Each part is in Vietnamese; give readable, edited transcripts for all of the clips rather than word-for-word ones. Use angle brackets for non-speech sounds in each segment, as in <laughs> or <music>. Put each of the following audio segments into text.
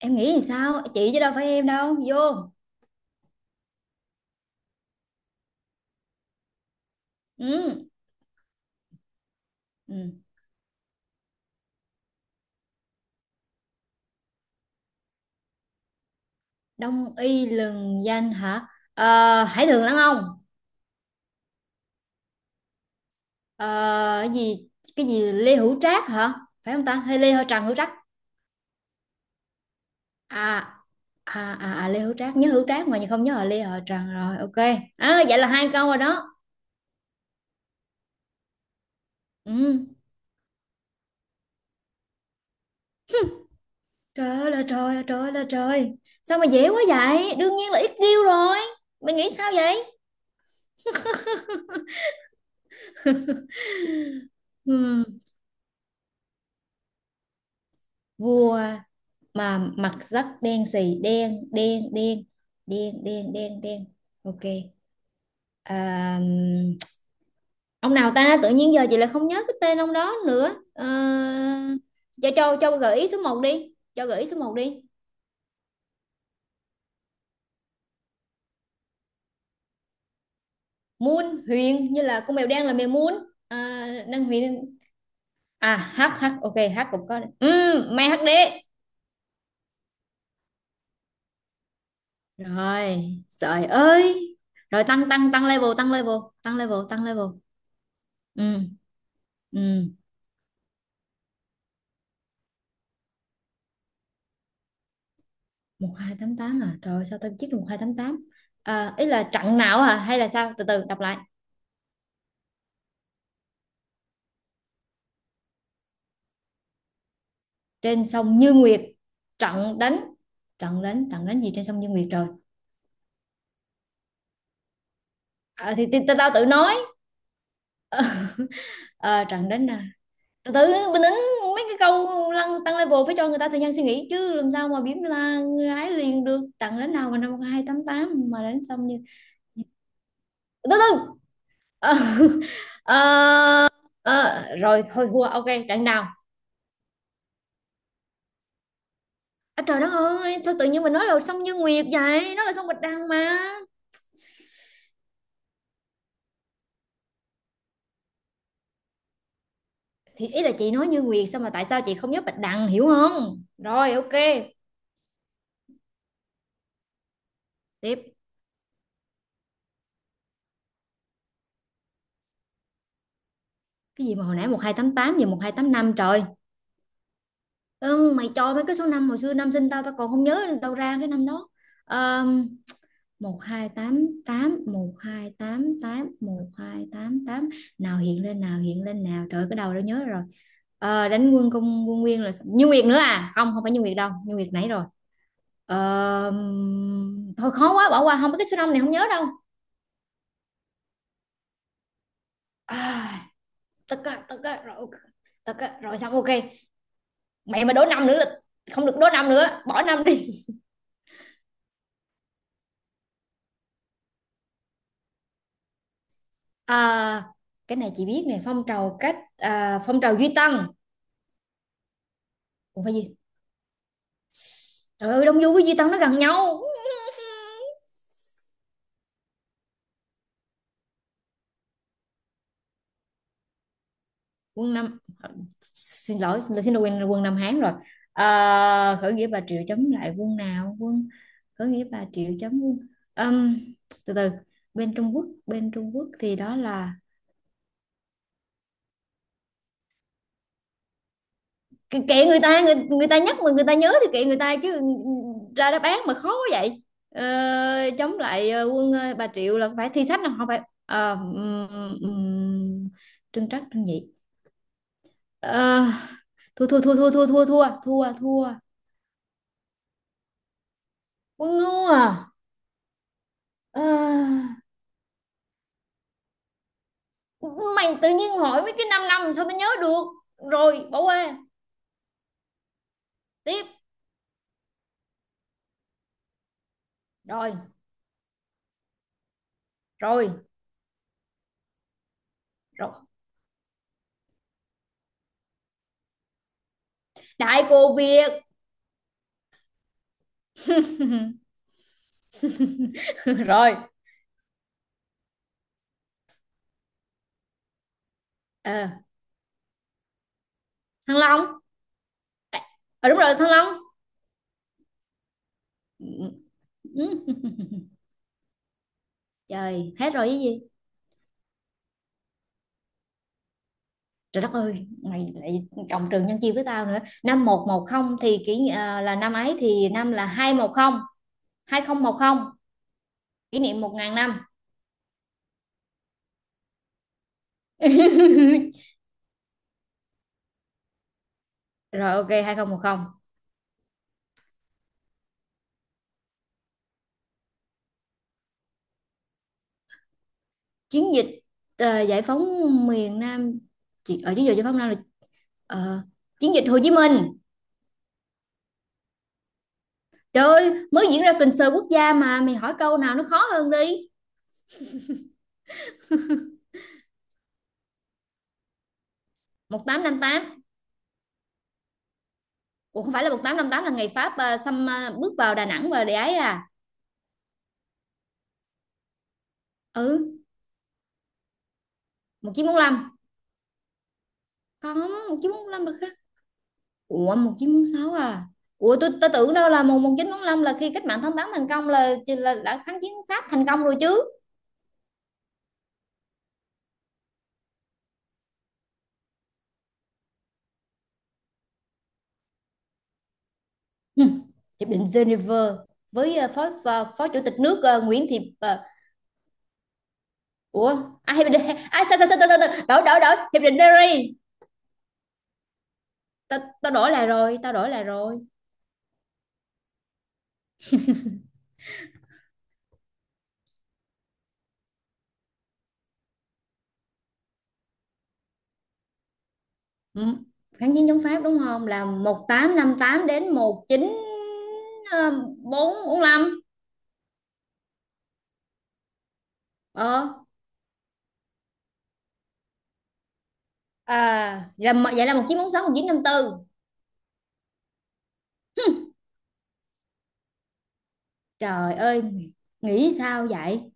Em nghĩ thì sao chị chứ đâu phải em đâu vô. Ừ. Ừ. Đông y lừng danh hả? Ờ, Hải thường lãng ông. Ờ, cái gì? Cái gì? Lê Hữu Trác hả? Phải không ta, hay Lê Hữu Trần Hữu Trác? À à à, à Lê Hữu Trác, nhớ Hữu Trác mà không nhớ là Lê Hữu Trần rồi. OK. À, vậy là hai câu rồi đó. Ừ. Trời ơi là trời, ơi trời ơi là trời. Sao mà dễ quá vậy, đương nhiên là ít kêu rồi. Mày nghĩ sao vậy? <laughs> Ừ. Vua mà mặt rất đen xì, đen đen đen, đen đen đen đen. OK. À, ông nào ta, tự nhiên giờ chị lại không nhớ cái tên ông đó nữa. Cho gợi ý số một đi, cho gợi ý số một đi. Moon Huyền, như là con mèo đen là mèo Moon. À, đang Huyền. À, H, H, OK, H cũng có. Ừ, May hát HD rồi, trời ơi. Rồi tăng tăng tăng level, tăng level, tăng level, tăng level. Ừ. Ừ. Một hai tám tám à? Rồi sao tao biết được 1288? À, ý là trận nào hả, hay là sao, từ từ đọc lại. Trên sông Như Nguyệt. Trận đánh, trận đánh gì trên sông Như Nguyệt rồi. À, thì tao tao tự nói. <laughs> À, trận đánh à? Từ từ, bình tĩnh. Mấy cái câu lăng tăng level phải cho người ta thời gian suy nghĩ chứ, làm sao mà biết là người ta gái liền được trận đánh nào mà năm 1288 mà đánh xong như. Từ từ. Ờ, ờ, <laughs> rồi thôi, thua, OK, trận nào? À, trời đất ơi, sao tự nhiên mình nói là sông Như Nguyệt vậy? Nó là sông Bạch Đằng mà. Thì ý là chị nói Như Nguyệt sao, mà tại sao chị không nhớ Bạch Đằng, hiểu không? Rồi OK, tiếp. Cái gì mà hồi nãy 1288 giờ 1285 trời. Ừ, mày cho mấy cái số năm hồi xưa, năm sinh tao tao còn không nhớ đâu ra cái năm đó. Um, Một một một hai, hai tám tám, một hai tám tám, một hai tám tám nào hiện lên, nào hiện lên nào. Trời ơi, cái đầu đã nhớ rồi. Ờ, đánh quân, công quân Nguyên là Như Nguyệt nữa à? Không, không phải Như Nguyệt đâu, Như Nguyệt nãy rồi. Ờ, thôi khó quá bỏ qua, không biết, cái số năm này không nhớ đâu. À, tất cả, tất cả rồi, tất cả rồi, xong, OK. Mẹ mà đố năm nữa là không được, đố năm nữa bỏ năm đi. <laughs> À, cái này chị biết nè, phong trào cách, à, phong trào Duy Tân. Ủa phải gì, trời ơi, Đông Du với Duy Tân nó gần nhau. <laughs> Quân Nam, xin lỗi xin lỗi, quên, quân Nam Hán rồi. Ờ, khởi nghĩa Bà Triệu chống lại quân nào, quân, khởi nghĩa Bà Triệu chống quân. Ừm, Từ từ. Bên Trung Quốc, bên Trung Quốc thì đó là. Kệ kệ người ta, người ta nhắc mà người ta nhớ thì kệ người ta chứ. Ra đáp án mà khó quá vậy. Ờ, chống lại quân, Bà Triệu là phải Thi Sách không, không phải. Ờ, Trưng Trắc Trưng Nhị. Ờ, thua thua thua, thua thua thua, thua thua thua. Quân ngu à. À, mày tự nhiên hỏi mấy cái 5 năm làm sao tao nhớ được, rồi bỏ qua, tiếp. Rồi, rồi, rồi. Đại cô Việt. <laughs> Rồi. À, Thăng Long. À, đúng rồi, Thăng Long. <laughs> Ừ. Trời hết rồi, cái gì? Trời đất ơi, mày lại cộng trừ nhân chia với tao nữa. Năm một một không thì kỷ ni-, à, là năm ấy thì năm là hai một không, hai không một không kỷ niệm một ngàn năm. <laughs> Rồi OK, hai không một không. Chiến dịch giải phóng miền Nam. Chị-, ở chiến dịch giải phóng Nam là, ờ, chiến dịch Hồ Chí Minh. Trời ơi, mới diễn ra concert quốc gia mà, mày hỏi câu nào nó khó hơn đi. Một tám năm tám. Ủa không phải là 1858 là ngày Pháp xâm, bước vào Đà Nẵng và để ấy à. Ừ. 1945. Không, 1945 được khác. Ủa 1946 à. Ủa tôi, ta tưởng đâu là mùng 1945 là khi cách mạng tháng 8 thành công là đã kháng chiến Pháp thành công rồi chứ. Ừ. Hiệp định Geneva với phó, phó chủ tịch nước Nguyễn Thị ủa ai, hiệp định ai, sao sao sao sao, đổi đổi đổi, hiệp định Paris. Tao tao đổi lại rồi, tao đổi lại rồi. Ừ. Kháng chiến chống Pháp đúng không, là một tám năm tám đến ờ, 1945. ờ À là vậy, là một chín bốn sáu, một chín năm tư. Hmm. Trời ơi, nghĩ sao vậy?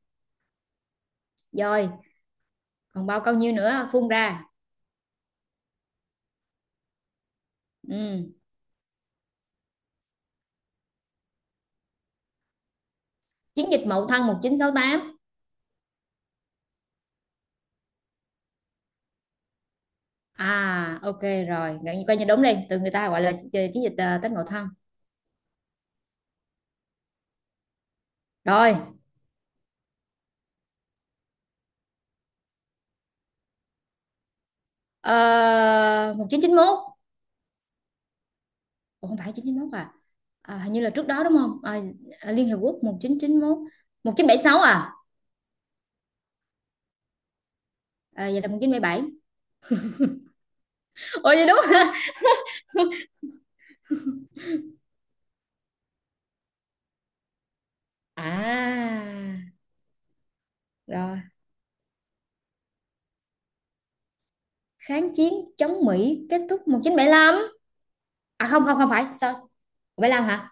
Rồi còn bao câu nhiêu nữa phun ra. Ừ. Chiến dịch Mậu Thân 1968. À OK, rồi, gần như coi như đúng đi, từ người ta gọi là chiến, chiến dịch Tết Mậu Thân. Rồi, uh, 1991. Ủa, không phải 1991 à? À, hình như là trước đó đúng không? À, à, Liên Hiệp Quốc, 1991, 1976 à? À, ờ, vậy là 1977. Ủa vậy đúng hả? <laughs> À, rồi, kháng chiến chống Mỹ kết thúc 1975. À không không, không phải, sao? 75 hả?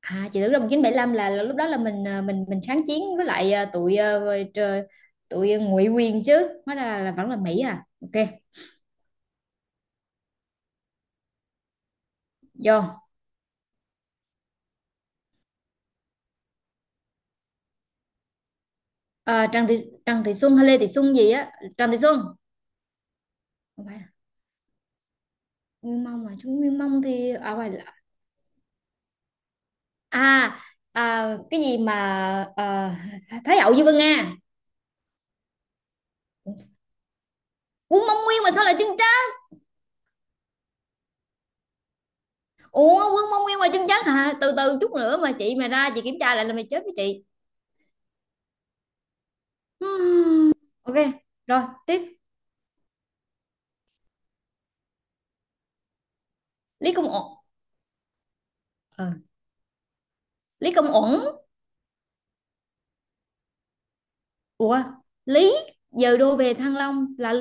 À, chị tưởng là 1975 là lúc đó là mình mình, kháng chiến với lại tụi, rồi trời, tụi ngụy quyền chứ, hóa ra là vẫn là Mỹ, à OK. Vô. À, Trần Thị, Trần Thị Xuân hay Lê Thị Xuân gì á. Trần Thị Xuân. Không phải à? Nguyên Mông mà, chúng Nguyên Mông thì à, phải là-. À, à cái gì mà, à, Thái Hậu Dương Vân Nga. Quân Mông Nguyên mà sao lại chân trắng. Ủa Quân Mông Nguyên mà chân trắng hả, từ từ chút nữa mà chị mà ra chị kiểm tra lại là mày chết với chị. Hmm, OK. Rồi, tiếp. Lý Công Uẩn. Lý Công Uẩn. Ủa, Lý, giờ đô về Thăng Long là.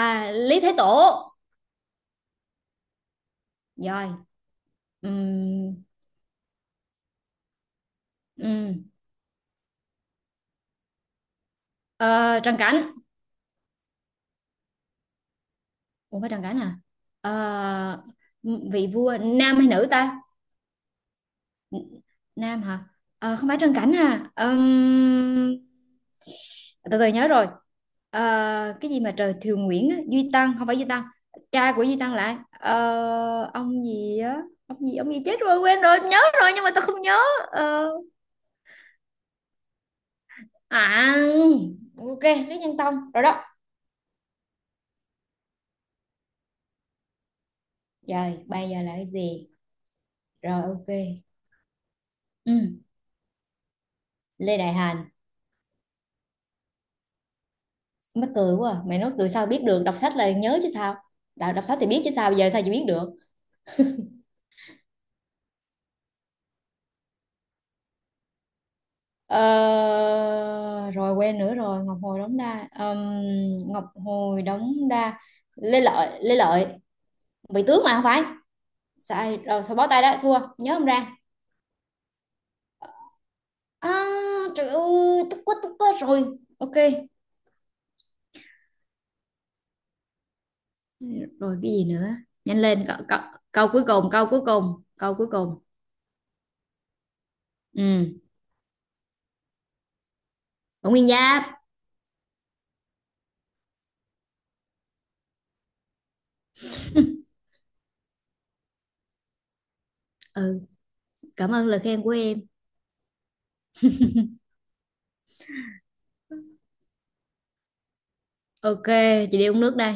À, Lý Thái Tổ. Rồi. Ừm, ừm. Ờ, Trần Cảnh. Ủa phải Trần Cảnh à. Ờ, vị vua nam hay nữ ta. Nam hả. Ờ, không phải Trần Cảnh à. Từ từ nhớ rồi. Ờ, cái gì mà trời Thiều Nguyễn á, Duy Tăng, không phải Duy Tăng. Cha của Duy Tăng lại ông gì á, ông gì ông gì, chết rồi quên rồi, nhớ rồi nhưng mà tao không nhớ. Ờ, À, OK, Lý Nhân Tông rồi đó. Trời, bây giờ là cái gì? Rồi OK. Ừ, Lê Đại Hành. Mắc cười quá. À. Mày nói cười sao biết được, đọc sách là nhớ chứ sao? Đã đọc sách thì biết chứ sao, bây giờ sao chị biết được? Ờ, rồi quên nữa rồi, Ngọc Hồi Đống Đa. Ngọc Hồi Đống Đa. Lê Lợi, Lê Lợi, bị tướng mà không phải. Sai, rồi sao, bó tay đó, thua, nhớ không ra. À, trời ơi, tức quá rồi. OK, rồi cái gì nữa, nhanh lên câu, câu cuối cùng, câu cuối cùng, câu cuối cùng. Ừ. Bổng Nguyên Giáp. Ừ, cảm ơn lời khen của em. OK, chị đi uống nước đây.